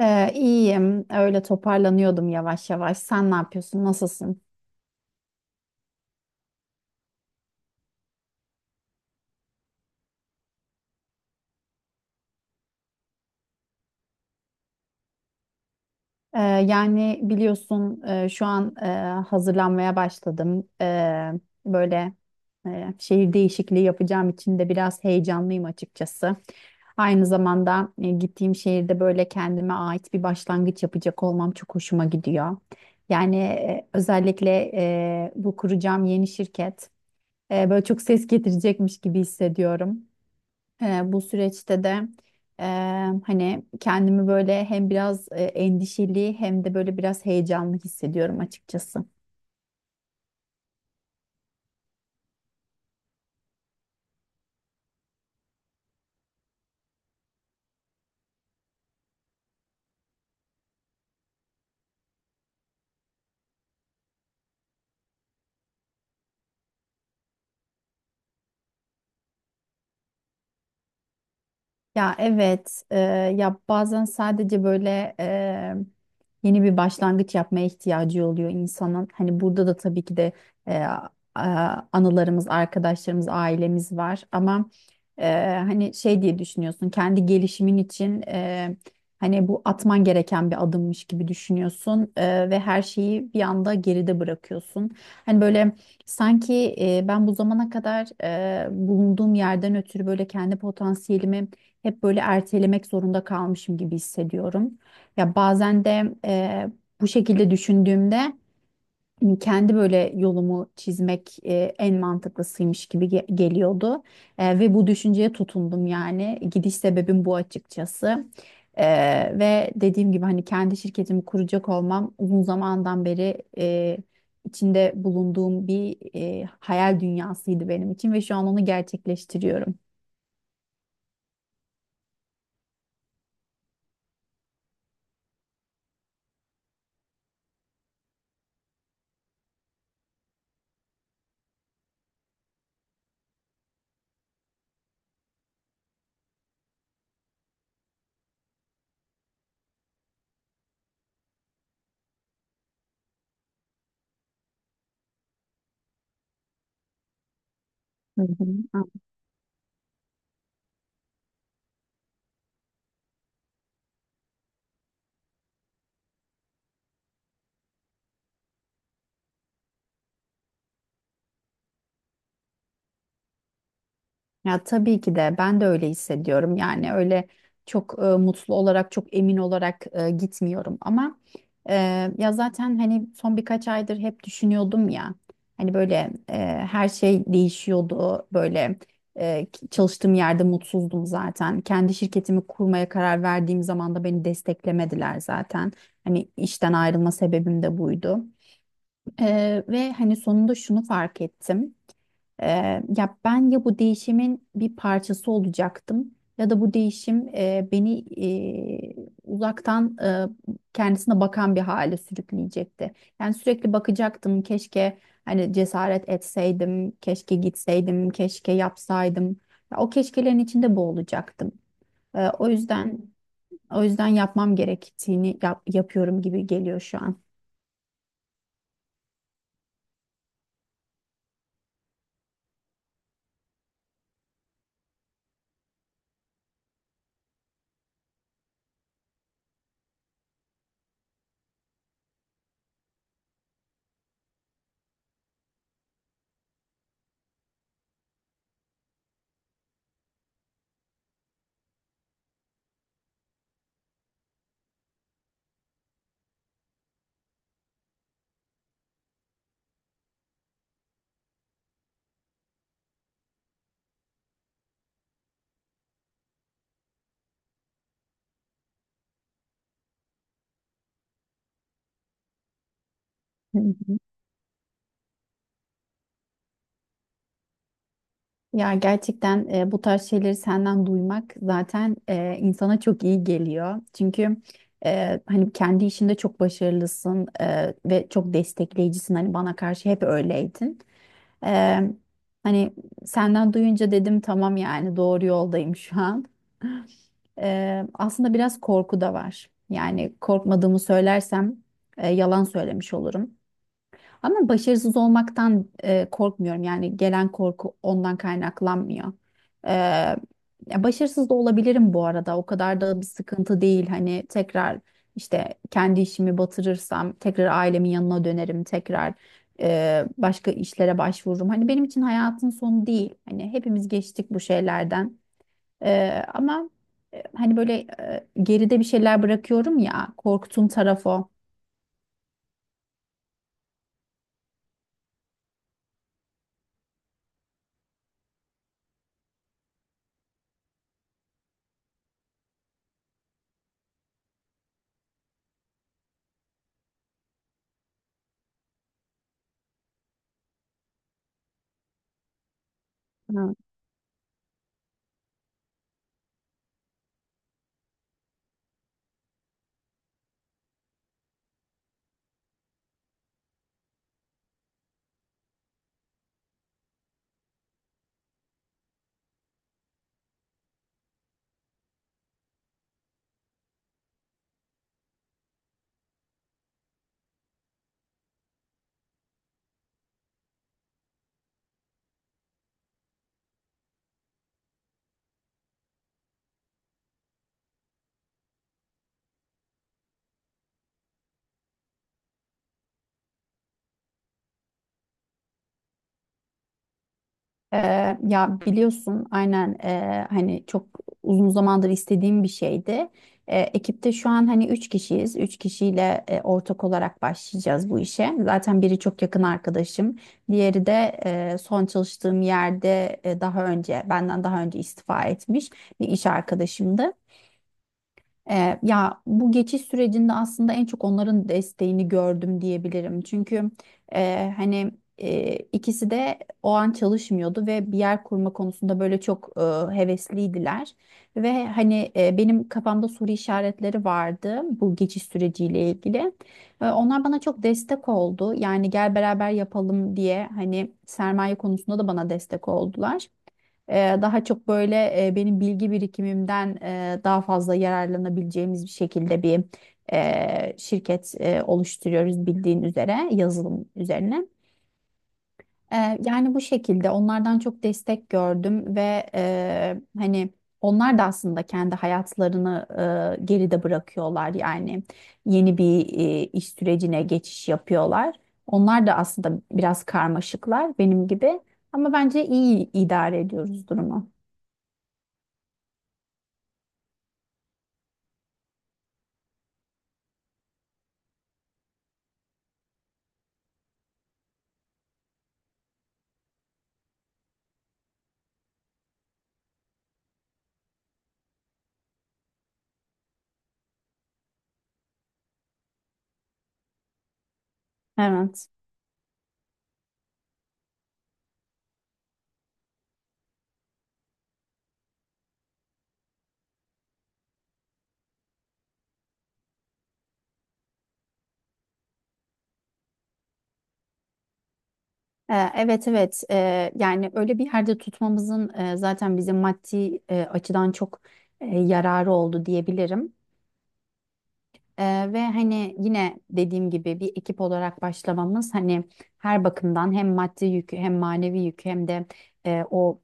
İyiyim. Öyle toparlanıyordum yavaş yavaş. Sen ne yapıyorsun? Nasılsın? Yani biliyorsun, şu an, hazırlanmaya başladım. Böyle, şehir değişikliği yapacağım için de biraz heyecanlıyım açıkçası. Aynı zamanda, gittiğim şehirde böyle kendime ait bir başlangıç yapacak olmam çok hoşuma gidiyor. Yani, özellikle, bu kuracağım yeni şirket, böyle çok ses getirecekmiş gibi hissediyorum. Bu süreçte de, e, hani kendimi böyle hem biraz, endişeli hem de böyle biraz heyecanlı hissediyorum açıkçası. Ya evet, ya bazen sadece böyle, yeni bir başlangıç yapmaya ihtiyacı oluyor insanın. Hani burada da tabii ki de, e, anılarımız, arkadaşlarımız, ailemiz var. Ama, e, hani şey diye düşünüyorsun, kendi gelişimin için, hani bu atman gereken bir adımmış gibi düşünüyorsun, ve her şeyi bir anda geride bırakıyorsun. Hani böyle. Sanki, ben bu zamana kadar, bulunduğum yerden ötürü böyle kendi potansiyelimi hep böyle ertelemek zorunda kalmışım gibi hissediyorum. Ya bazen de, bu şekilde düşündüğümde hani kendi böyle yolumu çizmek, en mantıklısıymış gibi geliyordu. Ve bu düşünceye tutundum yani. Gidiş sebebim bu açıkçası. E, Ve dediğim gibi hani kendi şirketimi kuracak olmam uzun zamandan beri, içinde bulunduğum bir, hayal dünyasıydı benim için ve şu an onu gerçekleştiriyorum. Hı hı. Ya tabii ki de ben de öyle hissediyorum. Yani öyle çok, mutlu olarak, çok emin olarak, gitmiyorum ama, e, ya zaten hani son birkaç aydır hep düşünüyordum ya. Hani böyle, e, her şey değişiyordu. Böyle, çalıştığım yerde mutsuzdum zaten. Kendi şirketimi kurmaya karar verdiğim zaman da beni desteklemediler zaten. Hani işten ayrılma sebebim de buydu. Ve hani sonunda şunu fark ettim. Ya ben ya bu değişimin bir parçası olacaktım ya da bu değişim, beni, uzaktan, kendisine bakan bir hale sürükleyecekti. Yani sürekli bakacaktım keşke hani cesaret etseydim, keşke gitseydim, keşke yapsaydım. Ya o keşkelerin içinde boğulacaktım. Eee, o yüzden o yüzden yapmam gerektiğini yapıyorum gibi geliyor şu an. Hı hı. Ya gerçekten, bu tarz şeyleri senden duymak zaten, insana çok iyi geliyor. Çünkü, hani kendi işinde çok başarılısın, ve çok destekleyicisin. Hani bana karşı hep öyleydin. E, Hani senden duyunca dedim tamam yani doğru yoldayım şu an. Aslında biraz korku da var. Yani korkmadığımı söylersem, yalan söylemiş olurum. Ama başarısız olmaktan, korkmuyorum. Yani gelen korku ondan kaynaklanmıyor. E, Ya başarısız da olabilirim bu arada. O kadar da bir sıkıntı değil. Hani tekrar işte kendi işimi batırırsam tekrar ailemin yanına dönerim. Tekrar, başka işlere başvururum. Hani benim için hayatın sonu değil. Hani hepimiz geçtik bu şeylerden. Ama, hani böyle, geride bir şeyler bırakıyorum ya. Korktuğum taraf o. Ya biliyorsun aynen, hani çok uzun zamandır istediğim bir şeydi. Ekipte şu an hani üç kişiyiz. Üç kişiyle, ortak olarak başlayacağız bu işe. Zaten biri çok yakın arkadaşım. Diğeri de, son çalıştığım yerde, daha önce benden daha önce istifa etmiş bir iş arkadaşımdı. Ya bu geçiş sürecinde aslında en çok onların desteğini gördüm diyebilirim. Çünkü, hani, ikisi de o an çalışmıyordu ve bir yer kurma konusunda böyle çok, hevesliydiler. Ve hani, benim kafamda soru işaretleri vardı bu geçiş süreciyle ilgili. Onlar bana çok destek oldu. Yani gel beraber yapalım diye hani sermaye konusunda da bana destek oldular. Daha çok böyle, benim bilgi birikimimden, daha fazla yararlanabileceğimiz bir şekilde bir, şirket, oluşturuyoruz bildiğin üzere yazılım üzerine. Yani bu şekilde onlardan çok destek gördüm ve, hani onlar da aslında kendi hayatlarını, geride bırakıyorlar yani yeni bir, iş sürecine geçiş yapıyorlar. Onlar da aslında biraz karmaşıklar benim gibi ama bence iyi idare ediyoruz durumu. Evet. Evet, evet. Yani öyle bir yerde tutmamızın, zaten bize maddi, açıdan çok, yararı oldu diyebilirim. Ve hani yine dediğim gibi bir ekip olarak başlamamız hani her bakımdan hem maddi yükü hem manevi yükü hem de, o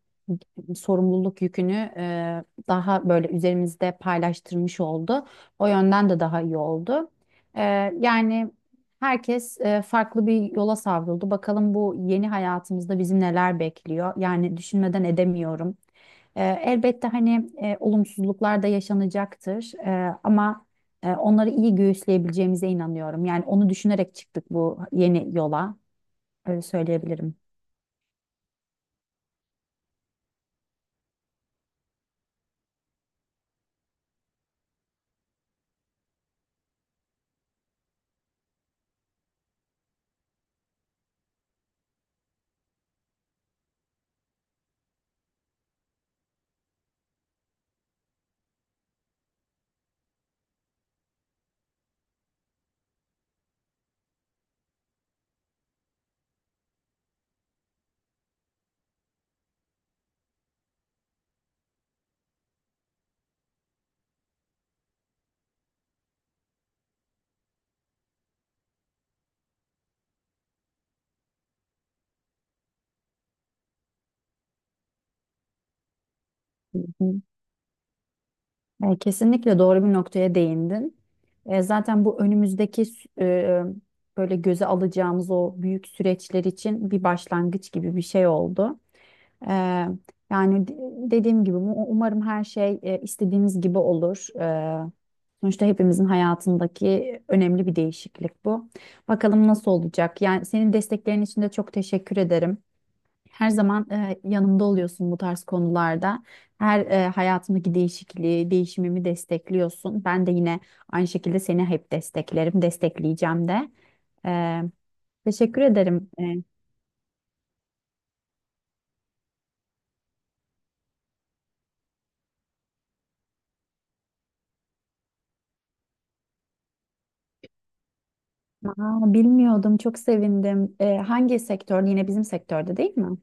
sorumluluk yükünü, daha böyle üzerimizde paylaştırmış oldu. O yönden de daha iyi oldu. Ee, Yani herkes, farklı bir yola savruldu. Bakalım bu yeni hayatımızda bizi neler bekliyor? Yani düşünmeden edemiyorum. Elbette hani, olumsuzluklar da yaşanacaktır, ama, onları iyi göğüsleyebileceğimize inanıyorum. Yani onu düşünerek çıktık bu yeni yola. Öyle söyleyebilirim. Hı hı. Kesinlikle doğru bir noktaya değindin. Zaten bu önümüzdeki böyle göze alacağımız o büyük süreçler için bir başlangıç gibi bir şey oldu. Ee, Yani dediğim gibi umarım her şey, istediğimiz gibi olur. Sonuçta hepimizin hayatındaki önemli bir değişiklik bu. Bakalım nasıl olacak? Yani senin desteklerin için de çok teşekkür ederim. Her zaman, yanımda oluyorsun bu tarz konularda. Her, hayatımdaki değişikliği, değişimimi destekliyorsun. Ben de yine aynı şekilde seni hep desteklerim, destekleyeceğim de. Ee, Teşekkür ederim. Aa, bilmiyordum. Çok sevindim. Hangi sektörde? Yine bizim sektörde değil mi?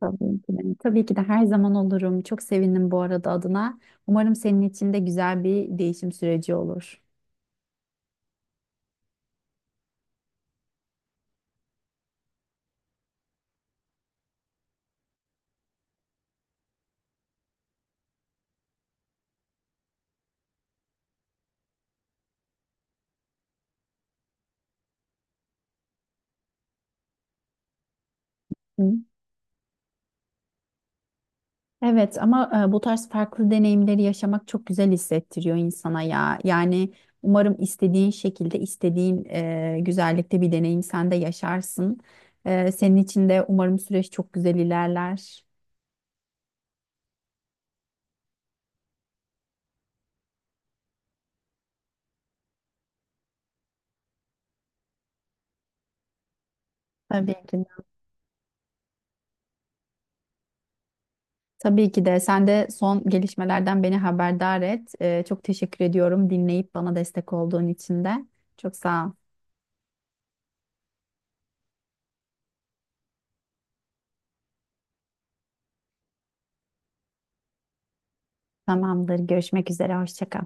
Tabii ki de. Tabii ki de her zaman olurum. Çok sevindim bu arada adına. Umarım senin için de güzel bir değişim süreci olur. Hı. Evet ama, bu tarz farklı deneyimleri yaşamak çok güzel hissettiriyor insana ya. Yani umarım istediğin şekilde, istediğin, güzellikte bir deneyim sen de yaşarsın. Senin için de umarım süreç çok güzel ilerler. Tabii ki de. Tabii ki de sen de son gelişmelerden beni haberdar et. Çok teşekkür ediyorum dinleyip bana destek olduğun için de. Çok sağ ol. Tamamdır. Görüşmek üzere. Hoşça kal.